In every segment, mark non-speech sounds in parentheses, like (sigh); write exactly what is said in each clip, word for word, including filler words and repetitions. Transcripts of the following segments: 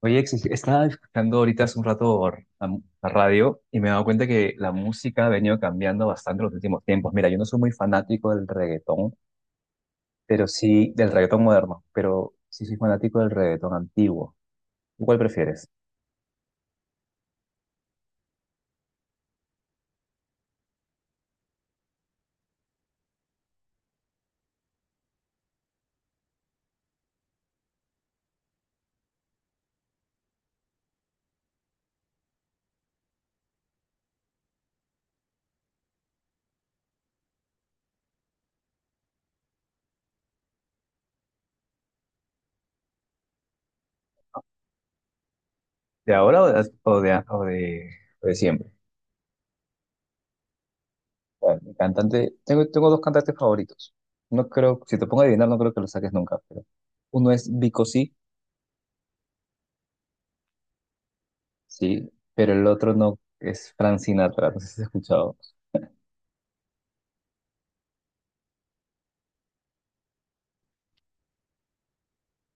Oye, ex- estaba escuchando ahorita hace un rato la, la radio y me he dado cuenta que la música ha venido cambiando bastante en los últimos tiempos. Mira, yo no soy muy fanático del reggaetón, pero sí del reggaetón moderno, pero sí soy fanático del reggaetón antiguo. ¿Tú cuál prefieres? ¿De ahora o de, o de, o de- o de siempre? Bueno, mi cantante, tengo, tengo dos cantantes favoritos. No creo, si te pongo a adivinar, no creo que lo saques nunca, pero uno es Vico sí, sí, pero el otro no es Frank Sinatra, no sé si has escuchado.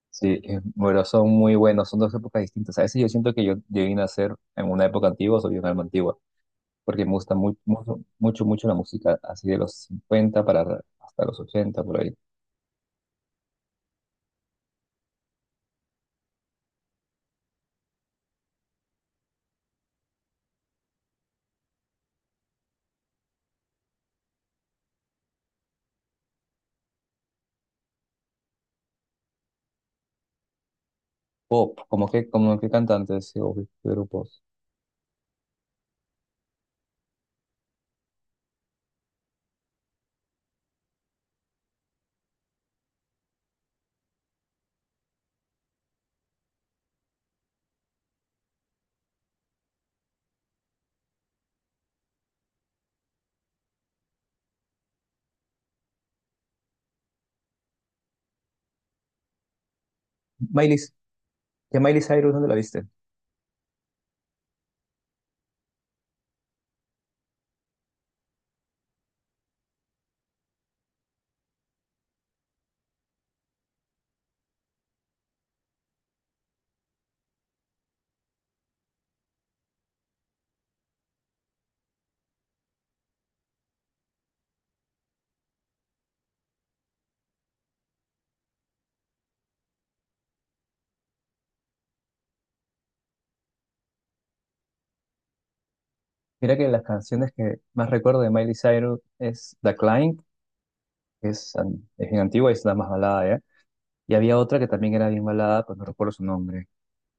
Sí, eh, bueno, son muy buenos, son dos épocas distintas. A veces yo siento que yo, yo vine a ser en una época antigua, soy un alma antigua, porque me gusta mucho, mucho, mucho, mucho la música, así de los cincuenta para ra- hasta los ochenta, por ahí. Pop, como que, como que cantantes o qué grupos. Miley, ¿qué Miley Cyrus dónde la viste? Mira que las canciones que más recuerdo de Miley Cyrus es The Climb, que es, an- es bien antigua y es la más balada, ¿ya? Y había otra que también era bien balada, pues no recuerdo su nombre.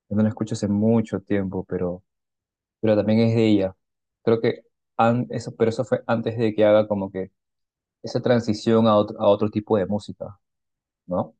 Yo no la escucho hace mucho tiempo, pero pero también es de ella. Creo que an- eso, pero eso fue antes de que haga como que esa transición a otro, a otro tipo de música, ¿no?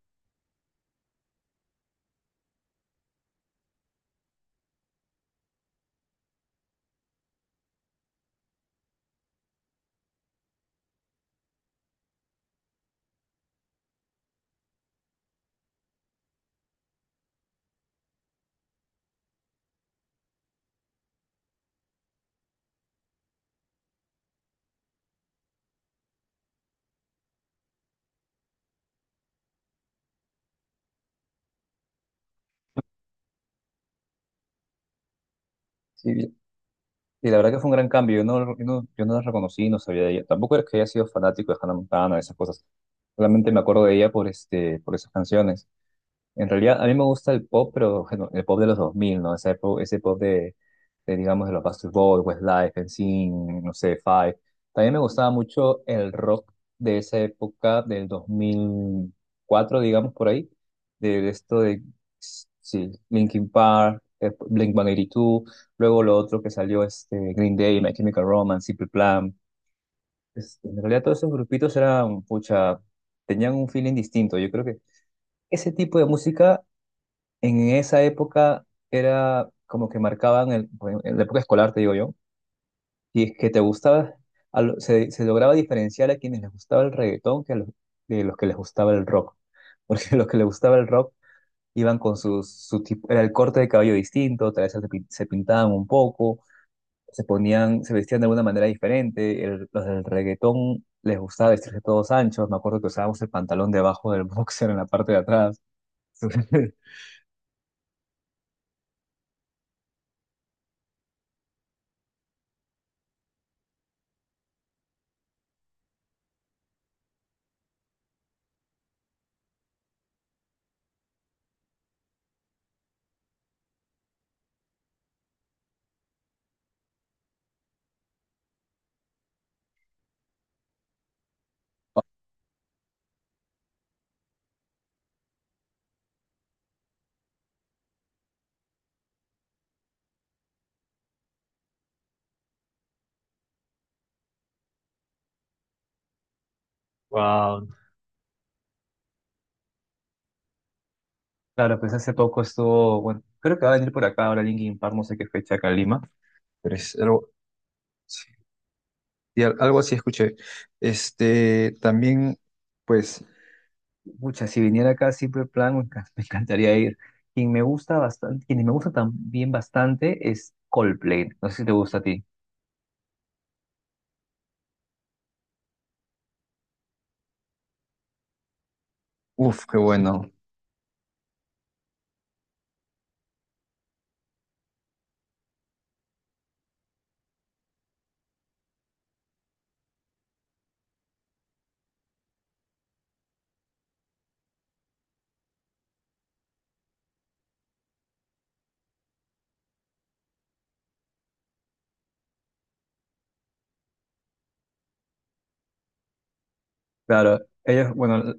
Sí, y la verdad que fue un gran cambio. Yo no, yo no, yo no la reconocí, no sabía de ella. Tampoco es que haya sido fanático de Hannah Montana, esas cosas. Solamente me acuerdo de ella por, este, por esas canciones. En realidad, a mí me gusta el pop, pero bueno, el pop de los dos mil, ¿no? Ese pop, ese pop de, de, digamos, de los Backstreet Boys, Westlife, NSYNC, no sé, Five. También me gustaba mucho el rock de esa época, del dos mil cuatro digamos, por ahí, de, esto de, sí, Linkin Park, eh, blink uno ochenta y dos, luego lo otro que salió, este, Green Day, My Chemical Romance, Simple Plan. Es- en realidad, todos esos grupitos eran, pucha, tenían un feeling distinto. Yo creo que ese tipo de música en esa época era como que marcaban, el, bueno, en la época escolar, te digo yo, y es que te gustaba, a lo- se, se lograba diferenciar a quienes les gustaba el reggaetón que a los, de los que les gustaba el rock, porque (laughs) los que les gustaba el rock iban con sus, su tipo, era el corte de cabello distinto, tal vez se, pin- se pintaban un poco, se ponían, se vestían de alguna manera diferente, el- los del reggaetón les gustaba vestirse todos anchos, me acuerdo que usábamos el pantalón debajo del (laughs) boxer en la parte de atrás. (laughs) Claro, pues hace poco estuvo, bueno, creo que va a venir por acá ahora Linkin Park, no sé qué fecha acá en Lima. Y al- algo así escuché. Este, también, pues, mucha, si viniera acá siempre plan, me encan- (laughs) me encantaría ir. Quien me gusta bastante, quien me gusta también bastante es Coldplay. No sé si te gusta a ti. Uf, qué bueno. Claro, ellos, bueno, l-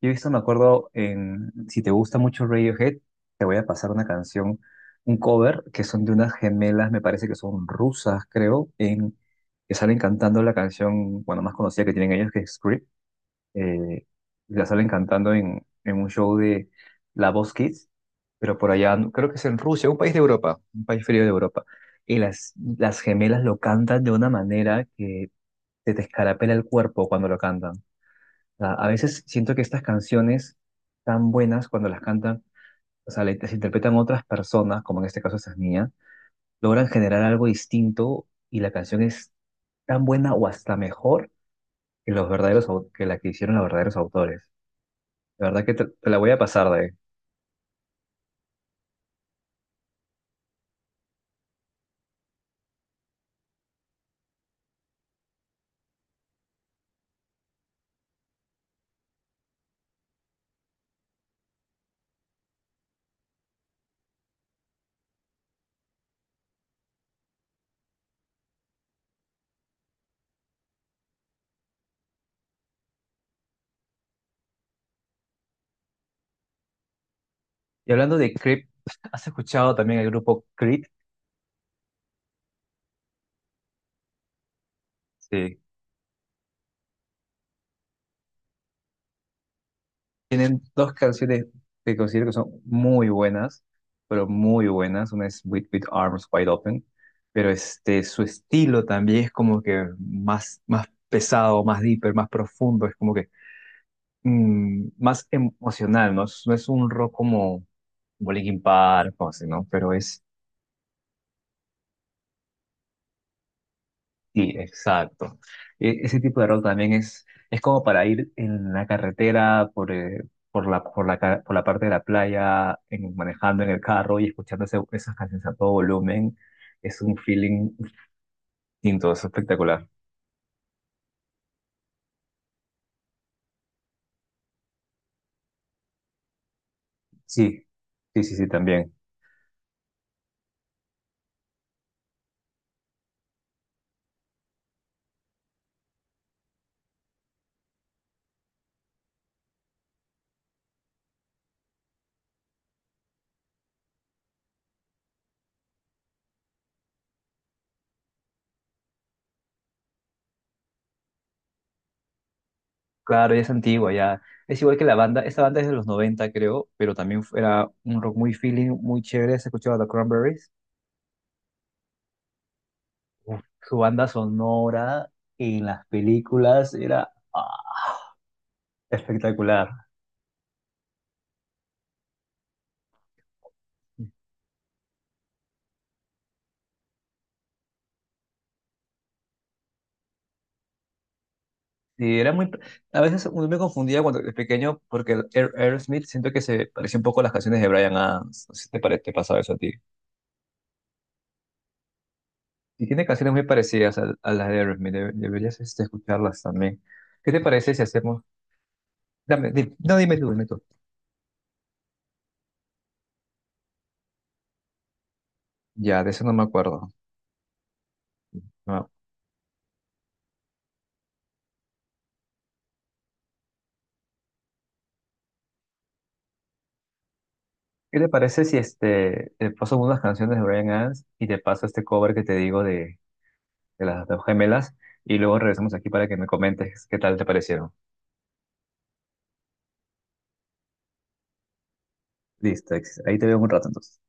yo he visto, me acuerdo, en, si te gusta mucho Radiohead, te voy a pasar una canción, un cover, que son de unas gemelas, me parece que son rusas, creo, en, que salen cantando la canción, bueno, más conocida que tienen ellos, que es Script, eh, y la salen cantando en, en un show de La Voz Kids, pero por allá, no- creo que es en Rusia, un país de Europa, un país frío de Europa, y las, las gemelas lo cantan de una manera que te, te escarapela el cuerpo cuando lo cantan sea, a veces siento que estas canciones tan buenas cuando las cantan, o sea, le- las interpretan otras personas, como en este caso estas niñas, logran generar algo distinto y la canción es tan buena o hasta mejor que los verdaderos au- que la que hicieron los verdaderos autores. La verdad que te, te la voy a pasar de ahí. Y hablando de Creep, (laughs) ¿has escuchado también el grupo Creed? Sí. Tienen dos canciones que considero que son muy buenas, pero muy buenas. Una es With, With Arms Wide Open, pero este, su estilo también es como que más, más pesado, más deeper, más profundo, es como que mm, más emocional, ¿no? Es- No es un rock como, como Linkin Park o así, ¿no? Pero es sí, exacto. E- ese tipo de rock también es, es como para ir en la carretera por, eh, por la, por la, ca- por la parte de la playa, en- manejando en el carro y escuchando ese- esas canciones a todo volumen. Es un feeling distinto, es espectacular. Sí, sí, sí, sí, también. Claro, ya es antigua, ya. Es igual que la banda, esta banda es de los noventa, creo, pero también f- era un rock muy feeling, muy chévere. Se escuchaba The Cranberries. Uf, su banda sonora en las películas era espectacular. Sí, era muy... A veces uno me confundía cuando era pequeño porque el Air- Aerosmith siento que se parecía un poco a las canciones de Bryan Adams. No sé si te, pare- te pasaba eso a ti. Y tiene canciones muy parecidas a, a las de Aerosmith. Debe- deberías este, escucharlas también. ¿Qué te parece si hacemos... Dame, di- no, dime tú, dime tú. Ya, de eso no me acuerdo. No. ¿Qué te parece si este, te paso unas canciones de Bryan Adams y te paso este cover que te digo de, de las dos gemelas y luego regresamos aquí para que me comentes qué tal te parecieron? Listo, ex- ahí te veo en un rato entonces.